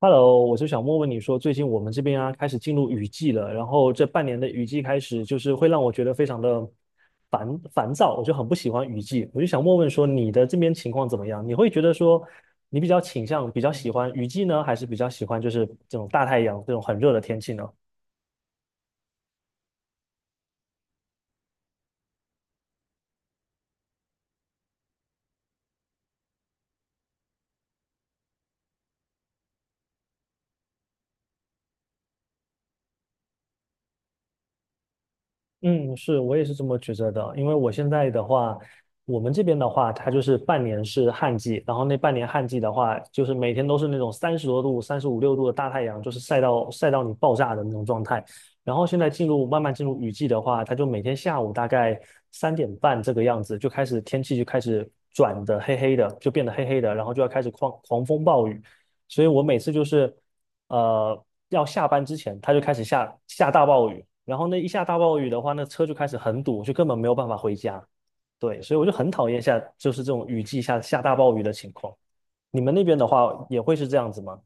Hello，我就想问问你说，最近我们这边啊开始进入雨季了，然后这半年的雨季开始，就是会让我觉得非常的烦躁，我就很不喜欢雨季。我就想问问说，你的这边情况怎么样？你会觉得说，你比较倾向比较喜欢雨季呢，还是比较喜欢就是这种大太阳这种很热的天气呢？嗯，是，我也是这么觉得的。因为我现在的话，我们这边的话，它就是半年是旱季，然后那半年旱季的话，就是每天都是那种三十多度、35、6度的大太阳，就是晒到你爆炸的那种状态。然后现在慢慢进入雨季的话，它就每天下午大概3点半这个样子就开始天气就开始转的黑黑的，就变得黑黑的，然后就要开始狂风暴雨。所以我每次就是要下班之前，它就开始下大暴雨，然后那一下大暴雨的话，那车就开始很堵，就根本没有办法回家。对，所以我就很讨厌就是这种雨季下大暴雨的情况。你们那边的话也会是这样子吗？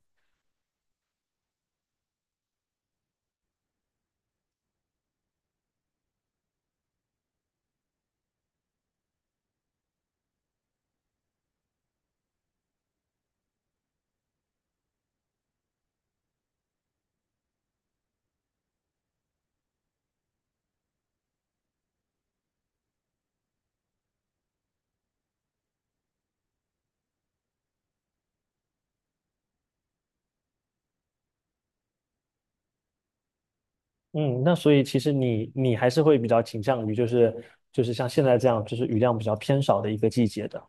嗯，那所以其实你还是会比较倾向于就是像现在这样，就是雨量比较偏少的一个季节的。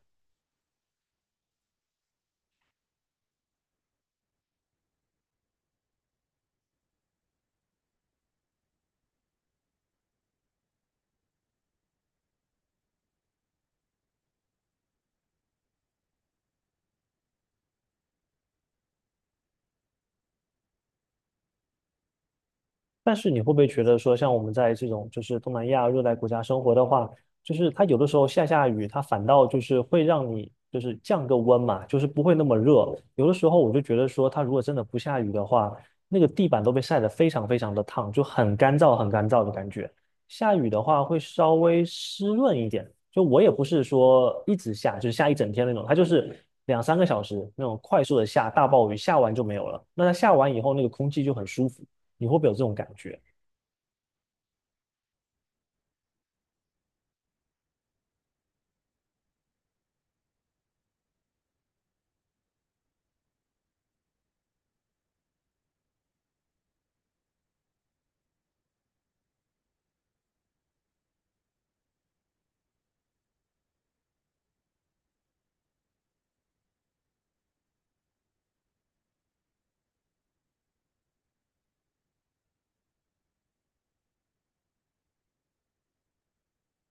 但是你会不会觉得说，像我们在这种就是东南亚热带国家生活的话，就是它有的时候下雨，它反倒就是会让你就是降个温嘛，就是不会那么热。有的时候我就觉得说，它如果真的不下雨的话，那个地板都被晒得非常非常的烫，就很干燥很干燥的感觉。下雨的话会稍微湿润一点，就我也不是说一直下，就是下一整天那种，它就是两三个小时那种快速的下大暴雨，下完就没有了。那它下完以后，那个空气就很舒服。你会不会有这种感觉？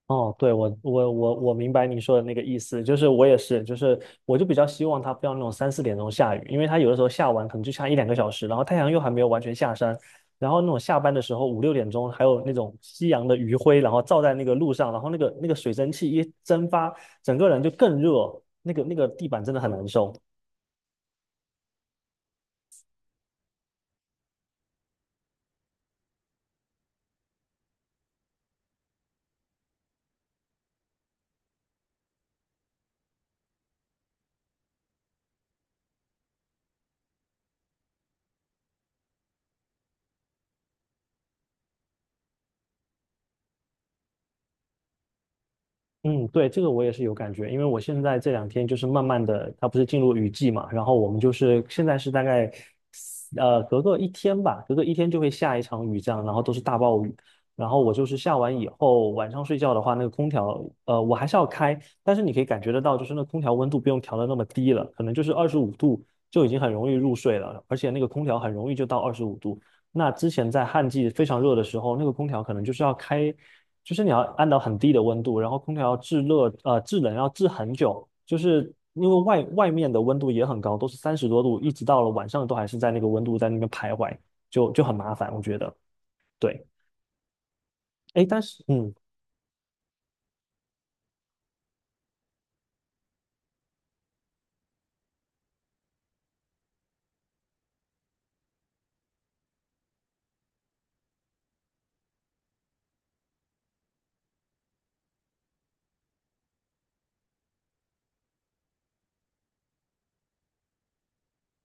哦，对，我明白你说的那个意思，就是我也是，就是我就比较希望它不要那种三四点钟下雨，因为它有的时候下完可能就下一两个小时，然后太阳又还没有完全下山，然后那种下班的时候五六点钟还有那种夕阳的余晖，然后照在那个路上，然后那个水蒸气一蒸发，整个人就更热，那个地板真的很难受。嗯，对，这个我也是有感觉，因为我现在这两天就是慢慢的，它不是进入雨季嘛，然后我们就是现在是大概，隔个一天吧，隔个一天就会下一场雨，这样，然后都是大暴雨，然后我就是下完以后，晚上睡觉的话，那个空调，我还是要开，但是你可以感觉得到，就是那空调温度不用调的那么低了，可能就是二十五度就已经很容易入睡了，而且那个空调很容易就到二十五度，那之前在旱季非常热的时候，那个空调可能就是要开，就是你要按到很低的温度，然后空调要制热，制冷要制很久，就是因为外面的温度也很高，都是三十多度，一直到了晚上都还是在那个温度在那边徘徊，就很麻烦，我觉得。对，哎，但是嗯，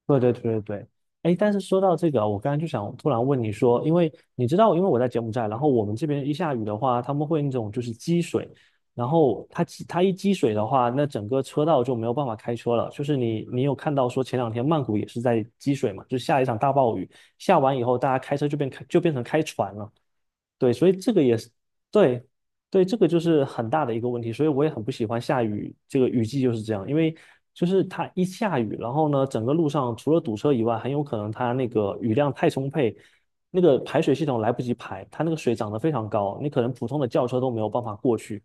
对对对对对，哎，但是说到这个啊，我刚才就想突然问你说，因为你知道，因为我在柬埔寨，然后我们这边一下雨的话，他们会那种就是积水，然后它一积水的话，那整个车道就没有办法开车了。就是你有看到说前两天曼谷也是在积水嘛，就下一场大暴雨，下完以后大家开车就就变成开船了。对，所以这个也是。对，对，这个就是很大的一个问题，所以我也很不喜欢下雨，这个雨季就是这样，因为就是它一下雨，然后呢，整个路上除了堵车以外，很有可能它那个雨量太充沛，那个排水系统来不及排，它那个水涨得非常高，你可能普通的轿车都没有办法过去，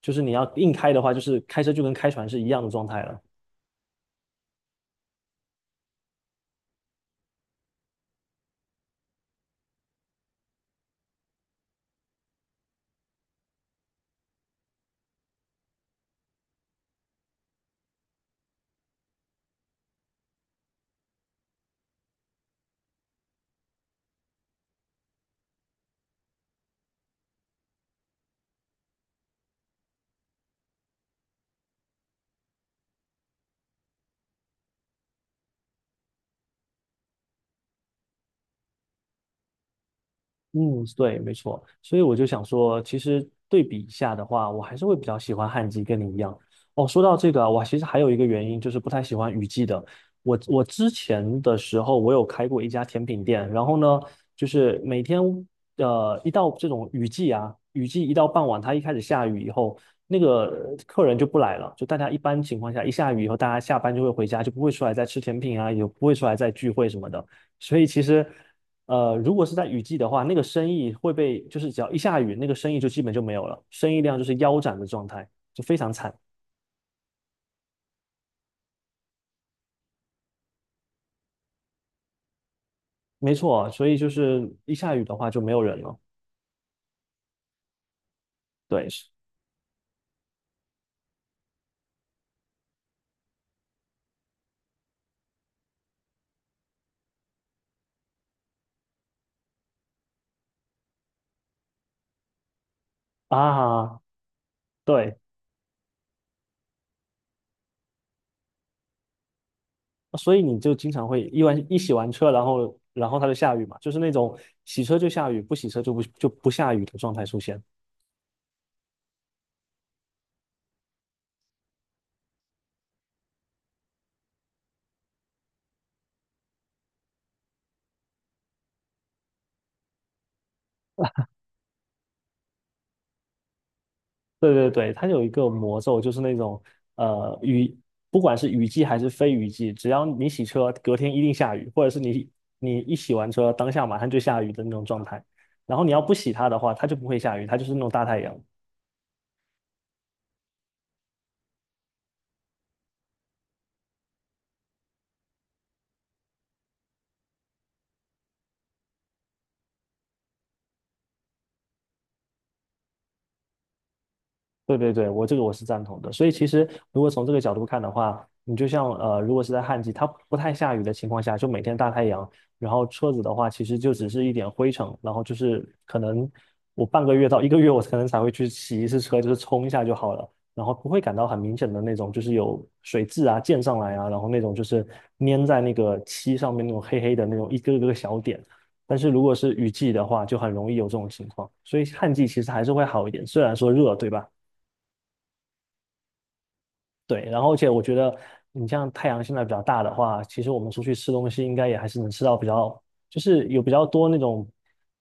就是你要硬开的话，就是开车就跟开船是一样的状态了。嗯，对，没错。所以我就想说，其实对比一下的话，我还是会比较喜欢旱季，跟你一样。哦，说到这个啊，我其实还有一个原因，就是不太喜欢雨季的。我之前的时候，我有开过一家甜品店，然后呢，就是每天一到这种雨季啊，雨季一到傍晚，它一开始下雨以后，那个客人就不来了。就大家一般情况下，一下雨以后，大家下班就会回家，就不会出来再吃甜品啊，也不会出来再聚会什么的。所以其实如果是在雨季的话，那个生意会被，就是只要一下雨，那个生意就基本就没有了，生意量就是腰斩的状态，就非常惨。没错，所以就是一下雨的话就没有人了。对，是啊，对，所以你就经常会一洗完车，然后它就下雨嘛，就是那种洗车就下雨，不洗车就不就不下雨的状态出现。对对对，它有一个魔咒，就是那种雨，不管是雨季还是非雨季，只要你洗车，隔天一定下雨，或者是你一洗完车，当下马上就下雨的那种状态。然后你要不洗它的话，它就不会下雨，它就是那种大太阳。对对对，我这个我是赞同的。所以其实如果从这个角度看的话，你就像如果是在旱季，它不太下雨的情况下，就每天大太阳，然后车子的话，其实就只是一点灰尘，然后就是可能我半个月到一个月，我可能才会去洗一次车，就是冲一下就好了，然后不会感到很明显的那种，就是有水渍啊溅上来啊，然后那种就是粘在那个漆上面那种黑黑的那种一个个小点。但是如果是雨季的话，就很容易有这种情况，所以旱季其实还是会好一点，虽然说热，对吧？对，然后而且我觉得你像太阳现在比较大的话，其实我们出去吃东西应该也还是能吃到比较，就是有比较多那种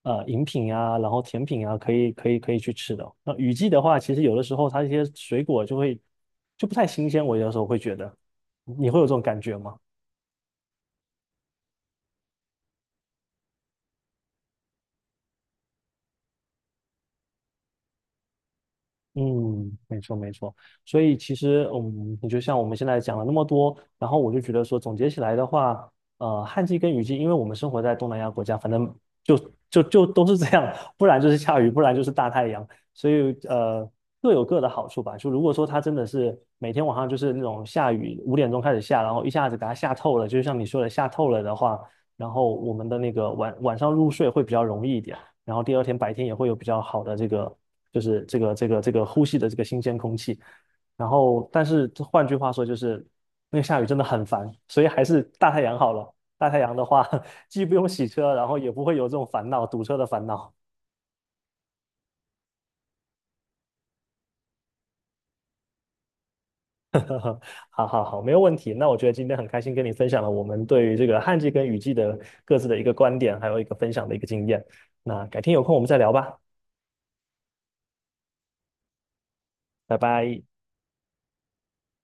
饮品啊，然后甜品啊，可以去吃的。那雨季的话，其实有的时候它一些水果就会就不太新鲜，我有的时候会觉得，你会有这种感觉吗？嗯，没错没错，所以其实，嗯，你就像我们现在讲了那么多，然后我就觉得说，总结起来的话，旱季跟雨季，因为我们生活在东南亚国家，反正就就都是这样，不然就是下雨，不然就是大太阳，所以各有各的好处吧。就如果说它真的是每天晚上就是那种下雨，5点钟开始下，然后一下子给它下透了，就像你说的下透了的话，然后我们的那个晚上入睡会比较容易一点。然后第二天白天也会有比较好的这个，就是这个呼吸的这个新鲜空气。然后，但是换句话说，就是那个下雨真的很烦，所以还是大太阳好了。大太阳的话，既不用洗车，然后也不会有这种烦恼，堵车的烦恼。好好好，没有问题。那我觉得今天很开心跟你分享了我们对于这个旱季跟雨季的各自的一个观点，还有一个分享的一个经验。那改天有空我们再聊吧，拜拜。